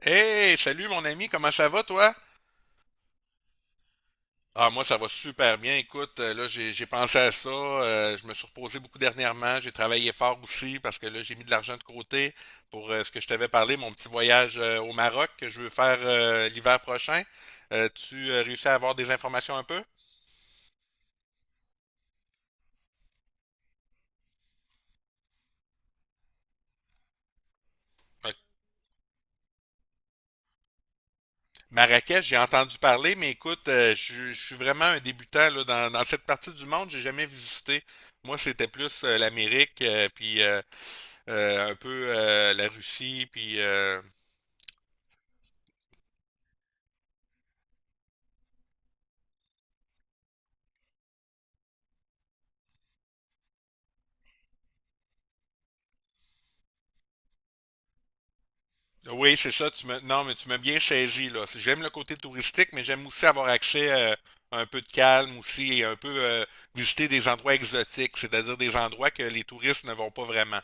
Hey, salut mon ami, comment ça va toi? Ah, moi ça va super bien. Écoute, là j'ai pensé à ça, je me suis reposé beaucoup dernièrement, j'ai travaillé fort aussi parce que là j'ai mis de l'argent de côté pour ce que je t'avais parlé, mon petit voyage au Maroc que je veux faire l'hiver prochain. Tu réussis à avoir des informations un peu? Ouais. Marrakech, j'ai entendu parler, mais écoute, je suis vraiment un débutant là, dans cette partie du monde, j'ai jamais visité. Moi, c'était plus l'Amérique, puis un peu la Russie, puis oui, c'est ça, non, mais tu m'as bien saisi, là. J'aime le côté touristique, mais j'aime aussi avoir accès, à un peu de calme aussi et un peu, visiter des endroits exotiques, c'est-à-dire des endroits que les touristes ne vont pas vraiment.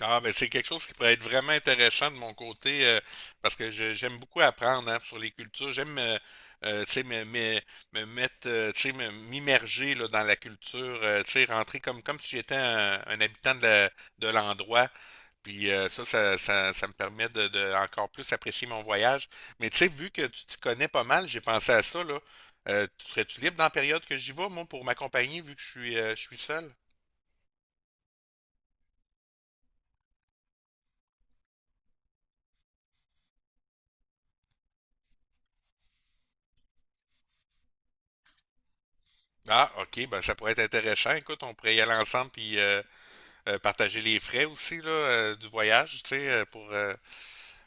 Ah, mais c'est quelque chose qui pourrait être vraiment intéressant de mon côté, parce que j'aime beaucoup apprendre hein, sur les cultures. J'aime, tu sais, me mettre, tu sais, m'immerger là, dans la culture, tu sais, rentrer comme si j'étais un habitant de de l'endroit. Puis ça me permet de encore plus apprécier mon voyage. Mais tu sais, vu que tu t'y connais pas mal, j'ai pensé à ça, là. Serais-tu libre dans la période que j'y vais, moi, pour m'accompagner, vu que je suis seul? Ah, ok, ben ça pourrait être intéressant. Écoute, on pourrait y aller ensemble puis partager les frais aussi là, du voyage, tu sais, pour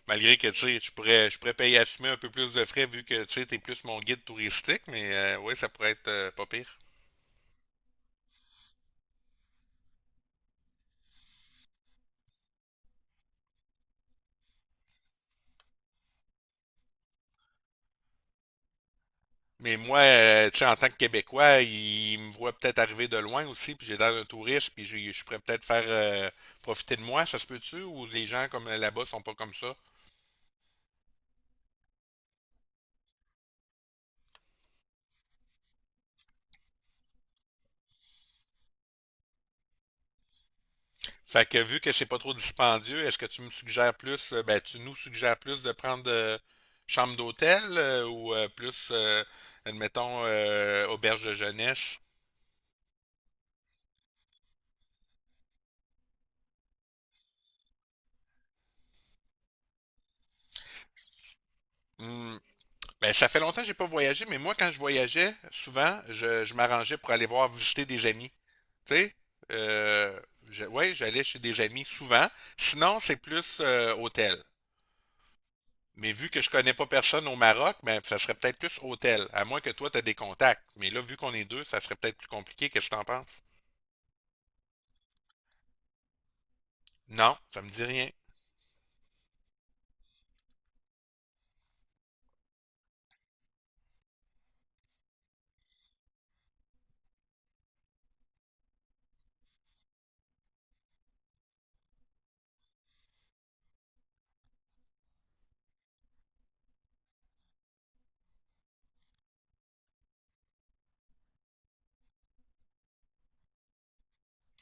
malgré que tu sais, je pourrais payer assumer un peu plus de frais vu que tu sais, t'es plus mon guide touristique, mais ouais, ça pourrait être pas pire. Mais moi, tu sais, en tant que Québécois, ils me voient peut-être arriver de loin aussi, puis j'ai l'air d'un touriste, puis je pourrais peut-être faire, profiter de moi, ça se peut-tu, ou les gens comme là-bas sont pas comme ça? Fait que vu que c'est pas trop dispendieux, est-ce que tu me suggères plus, ben tu nous suggères plus de prendre chambre d'hôtel ou admettons, auberge de jeunesse? Hmm. Ben ça fait longtemps que j'ai pas voyagé, mais moi quand je voyageais, souvent, je m'arrangeais pour aller voir visiter des amis. Tu sais? Euh, ouais, j'allais chez des amis souvent. Sinon, c'est plus hôtel. Mais vu que je connais pas personne au Maroc, ben, ça serait peut-être plus hôtel, à moins que toi, tu as des contacts. Mais là, vu qu'on est deux, ça serait peut-être plus compliqué. Qu'est-ce que tu en penses? Non, ça me dit rien.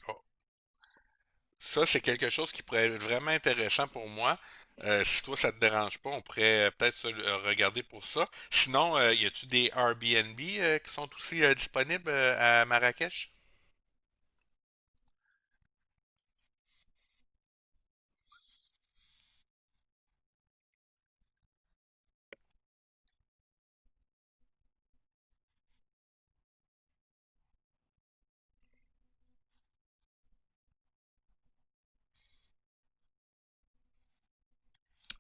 Oh. Ça, c'est quelque chose qui pourrait être vraiment intéressant pour moi. Si toi, ça te dérange pas, on pourrait peut-être se regarder pour ça. Sinon, y a-tu des Airbnb qui sont aussi disponibles à Marrakech?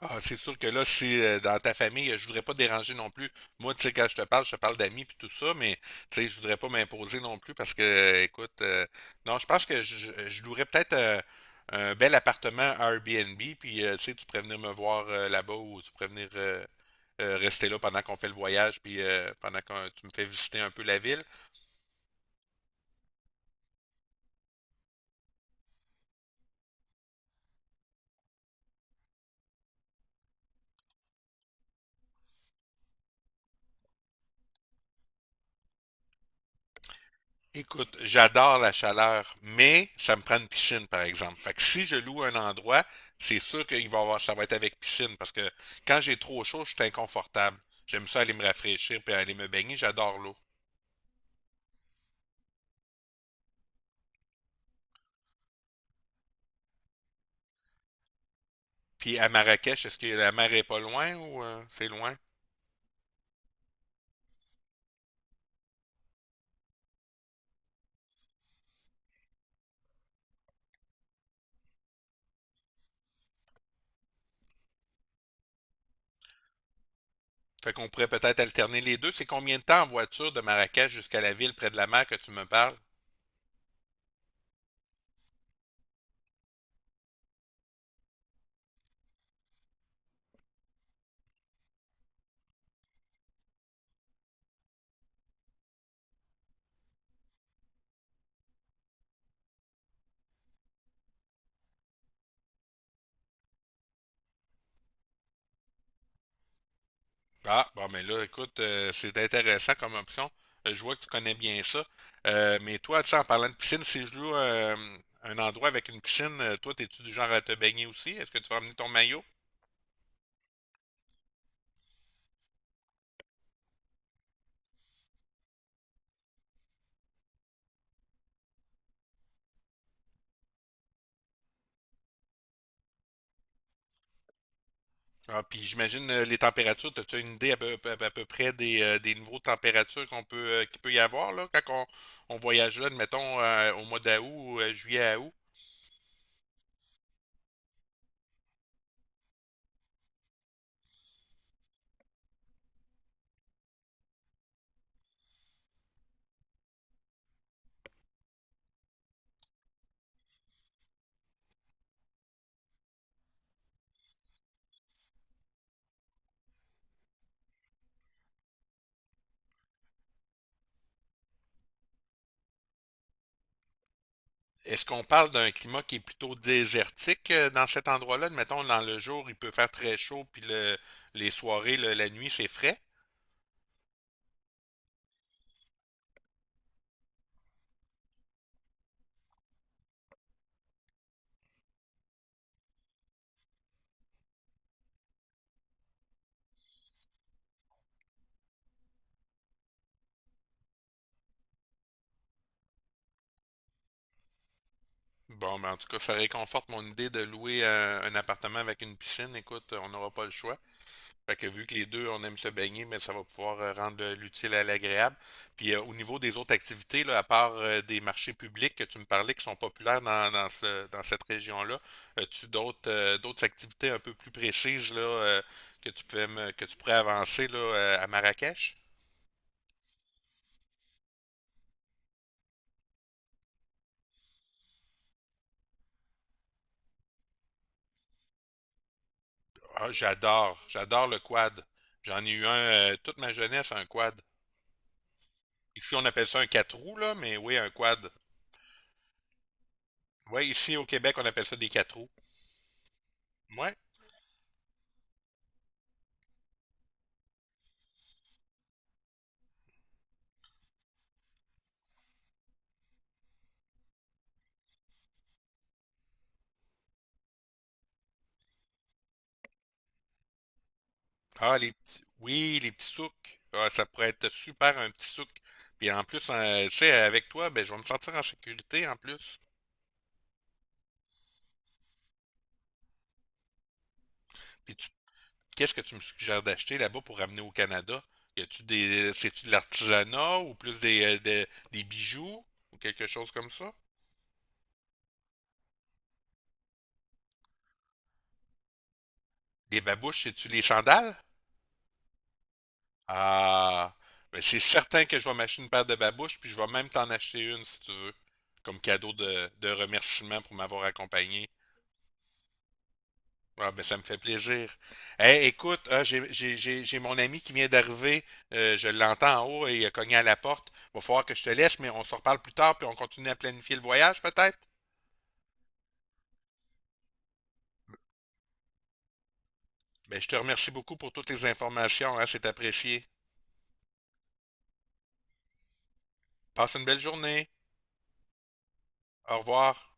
Ah, c'est sûr que là, si dans ta famille, je voudrais pas te déranger non plus. Moi, tu sais, quand je te parle d'amis puis tout ça, mais tu sais, je voudrais pas m'imposer non plus parce que, écoute, non, je pense que je louerais peut-être un bel appartement à Airbnb, puis tu sais, tu pourrais venir me voir là-bas ou tu pourrais venir, rester là pendant qu'on fait le voyage, puis pendant que tu me fais visiter un peu la ville. Écoute, j'adore la chaleur, mais ça me prend une piscine, par exemple. Fait que si je loue un endroit, c'est sûr qu'il va y avoir, ça va être avec piscine, parce que quand j'ai trop chaud, je suis inconfortable. J'aime ça aller me rafraîchir puis aller me baigner, j'adore l'eau. Puis à Marrakech, est-ce que la mer est pas loin ou c'est loin? Fait qu'on pourrait peut-être alterner les deux. C'est combien de temps en voiture de Marrakech jusqu'à la ville près de la mer que tu me parles? Ah, bon, mais là, écoute, c'est intéressant comme option. Je vois que tu connais bien ça. Mais toi, tu sais, en parlant de piscine, si je loue, un endroit avec une piscine, toi, t'es-tu du genre à te baigner aussi? Est-ce que tu vas amener ton maillot? Ah, puis j'imagine, les températures, as-tu une idée à peu, à peu près des niveaux de température qu'on peut, qu'il peut y avoir là, quand on voyage là, admettons, au mois d'août, ou, juillet à août? Est-ce qu'on parle d'un climat qui est plutôt désertique dans cet endroit-là? Mettons, dans le jour, il peut faire très chaud, puis les soirées, la nuit, c'est frais. Bon, ben, en tout cas, ça réconforte mon idée de louer un appartement avec une piscine. Écoute, on n'aura pas le choix. Fait que vu que les deux, on aime se baigner, mais ça va pouvoir rendre l'utile à l'agréable. Puis au niveau des autres activités, là, à part des marchés publics que tu me parlais qui sont populaires dans dans cette région-là, as-tu d'autres d'autres activités un peu plus précises là, que tu que tu pourrais avancer là, à Marrakech? Ah, j'adore, j'adore le quad. J'en ai eu un toute ma jeunesse, un quad. Ici, on appelle ça un quatre roues, là, mais oui, un quad. Oui, ici au Québec, on appelle ça des quatre roues. Ouais. Ah, les petits. Oui, les petits souks. Ah, ça pourrait être super un petit souk. Puis en plus, tu sais, avec toi, ben, je vais me sentir en sécurité en plus. Puis tu- Qu'est-ce que tu me suggères d'acheter là-bas pour ramener au Canada? Y a-tu des, c'est-tu de l'artisanat ou plus des, des bijoux ou quelque chose comme ça? Les babouches, c'est-tu les sandales? Ah, ben, c'est certain que je vais m'acheter une paire de babouches, puis je vais même t'en acheter une si tu veux, comme cadeau de remerciement pour m'avoir accompagné. Ah, ben, ça me fait plaisir. Hey, écoute, ah, j'ai mon ami qui vient d'arriver. Je l'entends en haut et il a cogné à la porte. Va falloir que je te laisse, mais on se reparle plus tard puis on continue à planifier le voyage, peut-être? Ben, je te remercie beaucoup pour toutes les informations, hein, c'est apprécié. Passe une belle journée. Au revoir.